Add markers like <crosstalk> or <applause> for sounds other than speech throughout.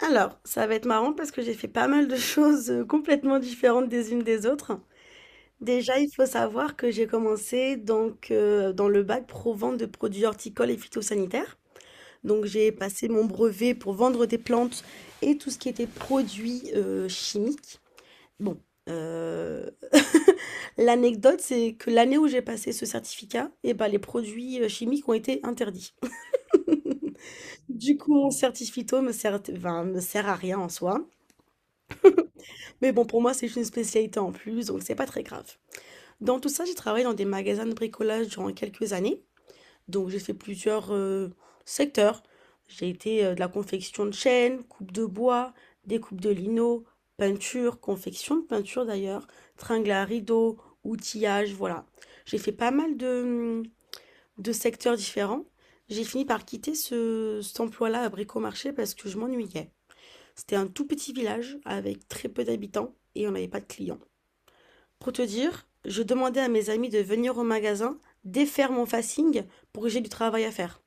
Alors, ça va être marrant parce que j'ai fait pas mal de choses, complètement différentes des unes des autres. Déjà, il faut savoir que j'ai commencé donc, dans le bac pro vente de produits horticoles et phytosanitaires. Donc j'ai passé mon brevet pour vendre des plantes et tout ce qui était produits, chimiques. Bon, heu, <laughs> l'anecdote, c'est que l'année où j'ai passé ce certificat eh bah, les produits, chimiques ont été interdits. Du coup, mon certi phyto me sert enfin, me sert à rien en soi. Mais bon, pour moi, c'est juste une spécialité en plus, donc c'est pas très grave. Dans tout ça, j'ai travaillé dans des magasins de bricolage durant quelques années. Donc j'ai fait plusieurs secteurs. J'ai été de la confection de chaînes, coupe de bois, découpe de lino, peinture, confection de peinture d'ailleurs, tringle à rideaux, outillage, voilà. J'ai fait pas mal de secteurs différents. J'ai fini par quitter cet emploi-là à Bricomarché parce que je m'ennuyais. C'était un tout petit village avec très peu d'habitants et on n'avait pas de clients. Pour te dire, je demandais à mes amis de venir au magasin, défaire mon fasting pour que j'ai du travail à faire.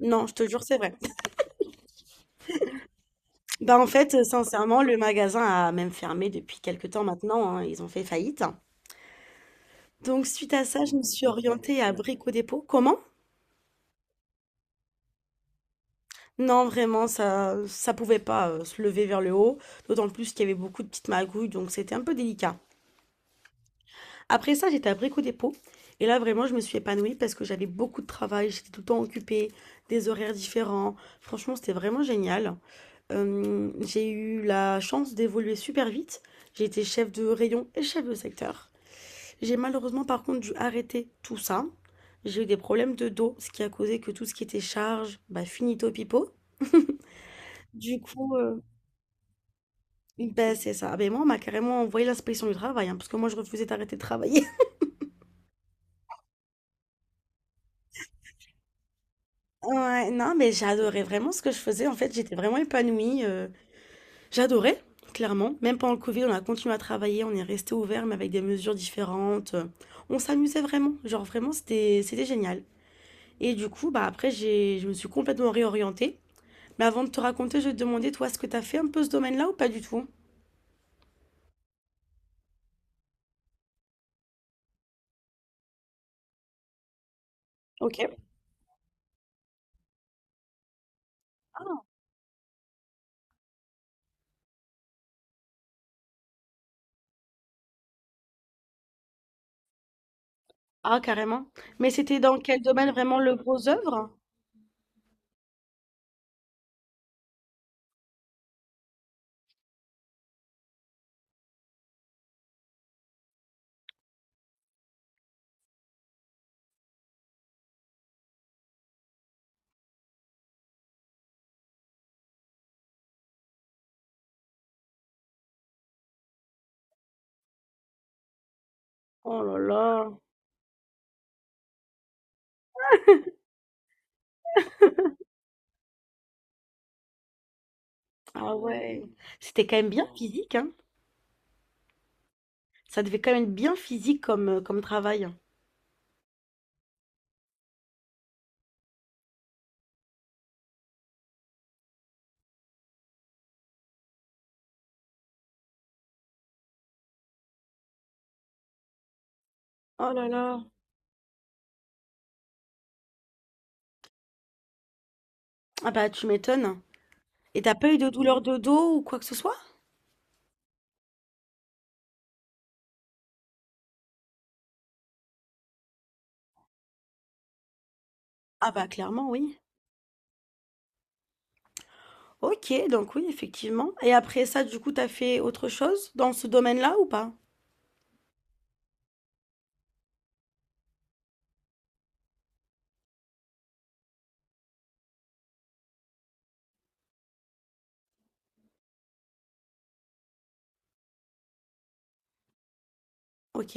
Non, je te jure, c'est vrai. Bah en fait, sincèrement, le magasin a même fermé depuis quelques temps maintenant, hein, ils ont fait faillite. Donc suite à ça, je me suis orientée à Brico Dépôt. Comment? Non, vraiment, ça pouvait pas se lever vers le haut, d'autant plus qu'il y avait beaucoup de petites magouilles, donc c'était un peu délicat. Après ça, j'étais à Brico Dépôt. Et là, vraiment, je me suis épanouie parce que j'avais beaucoup de travail, j'étais tout le temps occupée, des horaires différents. Franchement, c'était vraiment génial. J'ai eu la chance d'évoluer super vite. J'ai été chef de rayon et chef de secteur. J'ai malheureusement, par contre, dû arrêter tout ça. J'ai eu des problèmes de dos, ce qui a causé que tout ce qui était charge, bah, finito pipo. Du coup, bah, c'est ça. Ben, moi, on m'a carrément envoyé l'inspection du travail, hein, parce que moi, je refusais d'arrêter de travailler. Ouais, non, mais j'adorais vraiment ce que je faisais. En fait, j'étais vraiment épanouie. J'adorais, clairement. Même pendant le Covid, on a continué à travailler, on est resté ouvert, mais avec des mesures différentes. On s'amusait vraiment. Genre, vraiment, c'était génial. Et du coup, bah, après, je me suis complètement réorientée. Mais avant de te raconter, je vais te demander, toi, est-ce que tu as fait un peu ce domaine-là ou pas du tout? Ok. Ah, Ah, carrément. Mais c'était dans quel domaine vraiment le gros œuvre? Oh là là. Ah ouais. C'était quand même bien physique, hein. Ça devait quand même être bien physique comme, comme travail. Oh là là. Ah bah tu m'étonnes. Et t'as pas eu de douleur de dos ou quoi que ce soit? Ah bah clairement oui. Ok, donc oui, effectivement. Et après ça, du coup, t'as fait autre chose dans ce domaine-là ou pas? Ok,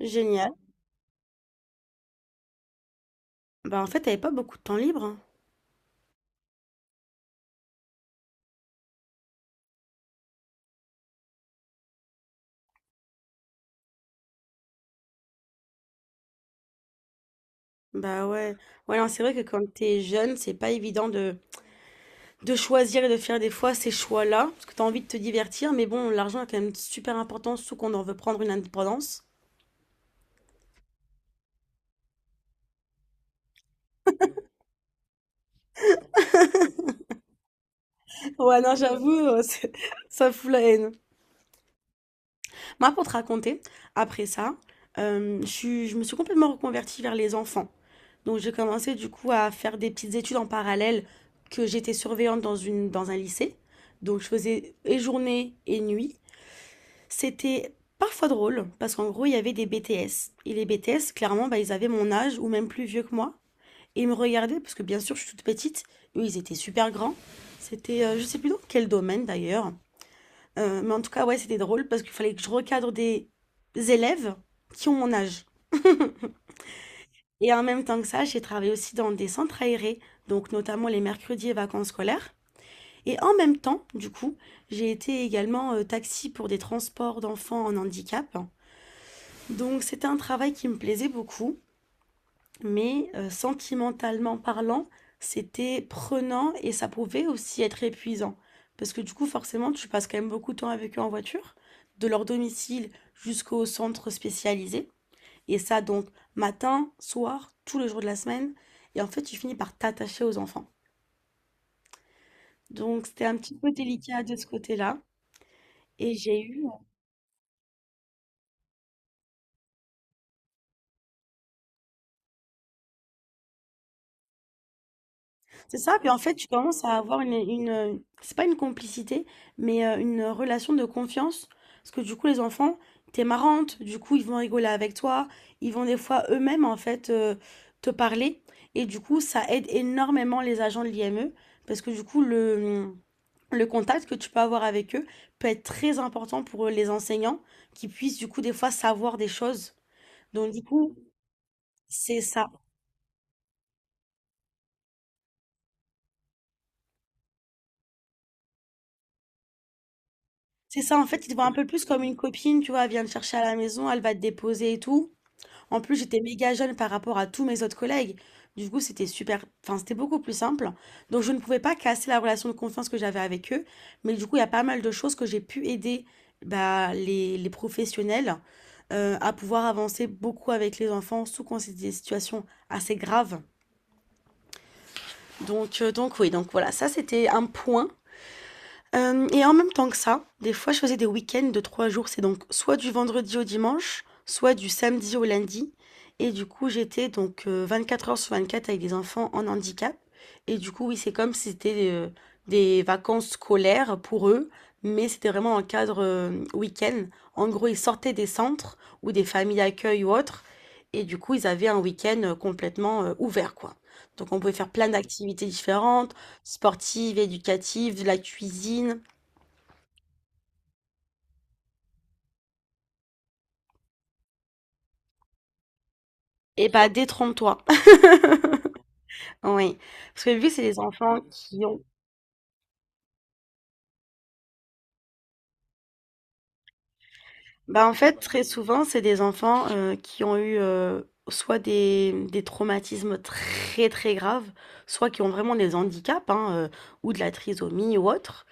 génial. Bah en fait, t'avais pas beaucoup de temps libre, hein. Bah ouais. Ouais, non, c'est vrai que quand t'es jeune, c'est pas évident de choisir et de faire des fois ces choix-là, parce que t'as envie de te divertir, mais bon, l'argent est quand même super important, surtout qu'on en veut prendre une indépendance. Ouais, non, j'avoue, c'est- <laughs> ça fout la haine. Moi, pour te raconter, après ça, je me suis complètement reconvertie vers les enfants. Donc, j'ai commencé du coup à faire des petites études en parallèle que j'étais surveillante dans un lycée. Donc, je faisais et journée et nuit. C'était parfois drôle parce qu'en gros, il y avait des BTS. Et les BTS, clairement, bah, ils avaient mon âge ou même plus vieux que moi. Et ils me regardaient parce que, bien sûr, je suis toute petite. Eux, ils étaient super grands. C'était, je sais plus dans quel domaine d'ailleurs. Mais en tout cas, ouais, c'était drôle parce qu'il fallait que je recadre des élèves qui ont mon âge. Et en même temps que ça, j'ai travaillé aussi dans des centres aérés, donc notamment les mercredis et vacances scolaires. Et en même temps, du coup, j'ai été également taxi pour des transports d'enfants en handicap. Donc c'était un travail qui me plaisait beaucoup. Mais sentimentalement parlant, c'était prenant et ça pouvait aussi être épuisant. Parce que du coup, forcément, tu passes quand même beaucoup de temps avec eux en voiture, de leur domicile jusqu'au centre spécialisé et ça donc matin, soir, tous les jours de la semaine et en fait, tu finis par t'attacher aux enfants. Donc c'était un petit peu délicat de ce côté-là et j'ai eu C'est ça, puis en fait, tu commences à avoir c'est pas une complicité, mais une relation de confiance, parce que du coup, les enfants, t'es marrante, du coup, ils vont rigoler avec toi, ils vont des fois eux-mêmes, en fait, te parler, et du coup, ça aide énormément les agents de l'IME, parce que du coup, le contact que tu peux avoir avec eux peut être très important pour les enseignants, qui puissent, du coup, des fois, savoir des choses. Donc, du coup, c'est ça. C'est ça, en fait, ils te voient un peu plus comme une copine, tu vois, elle vient te chercher à la maison, elle va te déposer et tout. En plus, j'étais méga jeune par rapport à tous mes autres collègues. Du coup, c'était super, enfin, c'était beaucoup plus simple. Donc, je ne pouvais pas casser la relation de confiance que j'avais avec eux. Mais du coup, il y a pas mal de choses que j'ai pu aider bah, les professionnels à pouvoir avancer beaucoup avec les enfants, sous quand c'est des situations assez graves. Donc oui, donc voilà, ça, c'était un point. Et en même temps que ça, des fois, je faisais des week-ends de 3 jours. C'est donc soit du vendredi au dimanche, soit du samedi au lundi. Et du coup, j'étais donc 24 heures sur 24 avec des enfants en handicap. Et du coup, oui, c'est comme si c'était, des vacances scolaires pour eux, mais c'était vraiment un cadre, week-end. En gros, ils sortaient des centres ou des familles d'accueil ou autres et du coup, ils avaient un week-end, complètement, ouvert, quoi. Donc on pouvait faire plein d'activités différentes. Sportive, éducative, de la cuisine et bah, détrompe-toi. <laughs> Oui, parce que vu que c'est des enfants qui ont bah, en fait, très souvent, c'est des enfants, qui ont eu, soit des traumatismes très, très graves, soit qui ont vraiment des handicaps, hein, ou de la trisomie ou autre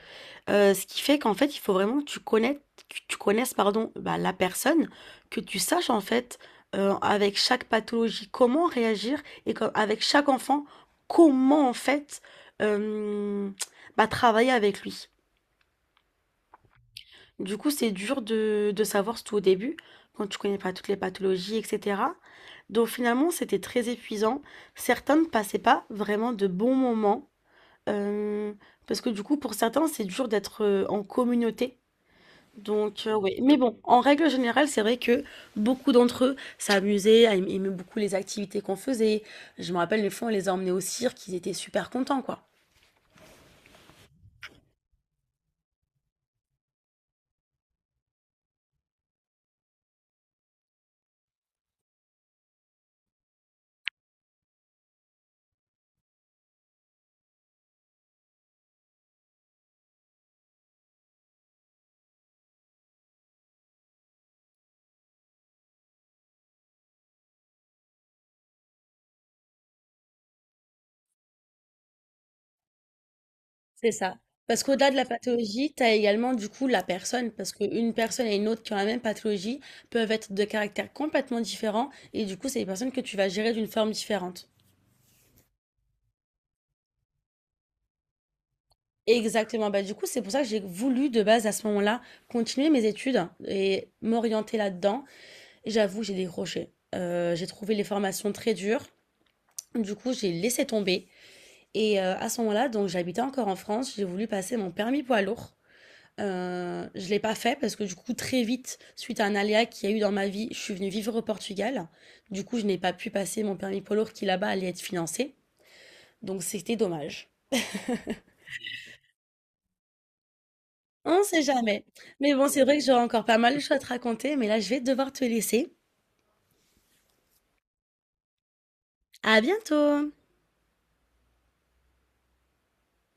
Ce qui fait qu'en fait, il faut vraiment que tu connaisses, pardon, bah, la personne, que tu saches, en fait, avec chaque pathologie, comment réagir et co avec chaque enfant, comment, en fait, hem, bah, travailler avec lui. Du coup, c'est dur de savoir, tout au début, quand tu connais pas toutes les pathologies et cetera. Donc finalement, c'était très épuisant. Certains ne passaient pas vraiment de bons moments, hem, parce que, du coup, pour certains, c'est dur d'être, en communauté. Donc, ouais. Mais bon, en règle générale, c'est vrai que beaucoup d'entre eux s'amusaient, aimaient beaucoup les activités qu'on faisait. Je me rappelle, les fois, on les a emmenés au cirque, ils étaient super contents, quoi. C'est ça. Parce qu'au-delà de la pathologie, tu as également, du coup, la personne. Parce qu'une personne et une autre qui ont la même pathologie peuvent être de caractères complètement différents. Et du coup, c'est des personnes que tu vas gérer d'une forme différente. Exactement. Bah, du coup, c'est pour ça que j'ai voulu, de base, à ce moment-là, continuer mes études et m'orienter là-dedans. J'avoue, j'ai décroché. J'ai trouvé les formations très dures. Du coup, j'ai laissé tomber. Et à ce moment-là, donc j'habitais encore en France, j'ai voulu passer mon permis poids lourd. Je l'ai pas fait parce que du coup, très vite, suite à un aléa qu'il y a eu dans ma vie, je suis venue vivre au Portugal. Du coup, je n'ai pas pu passer mon permis poids lourd qui là-bas allait être financé. Donc, c'était dommage. On sait jamais. Mais bon, c'est vrai que j'aurai encore pas mal de choses à te raconter, mais là, je vais devoir te laisser. À bientôt!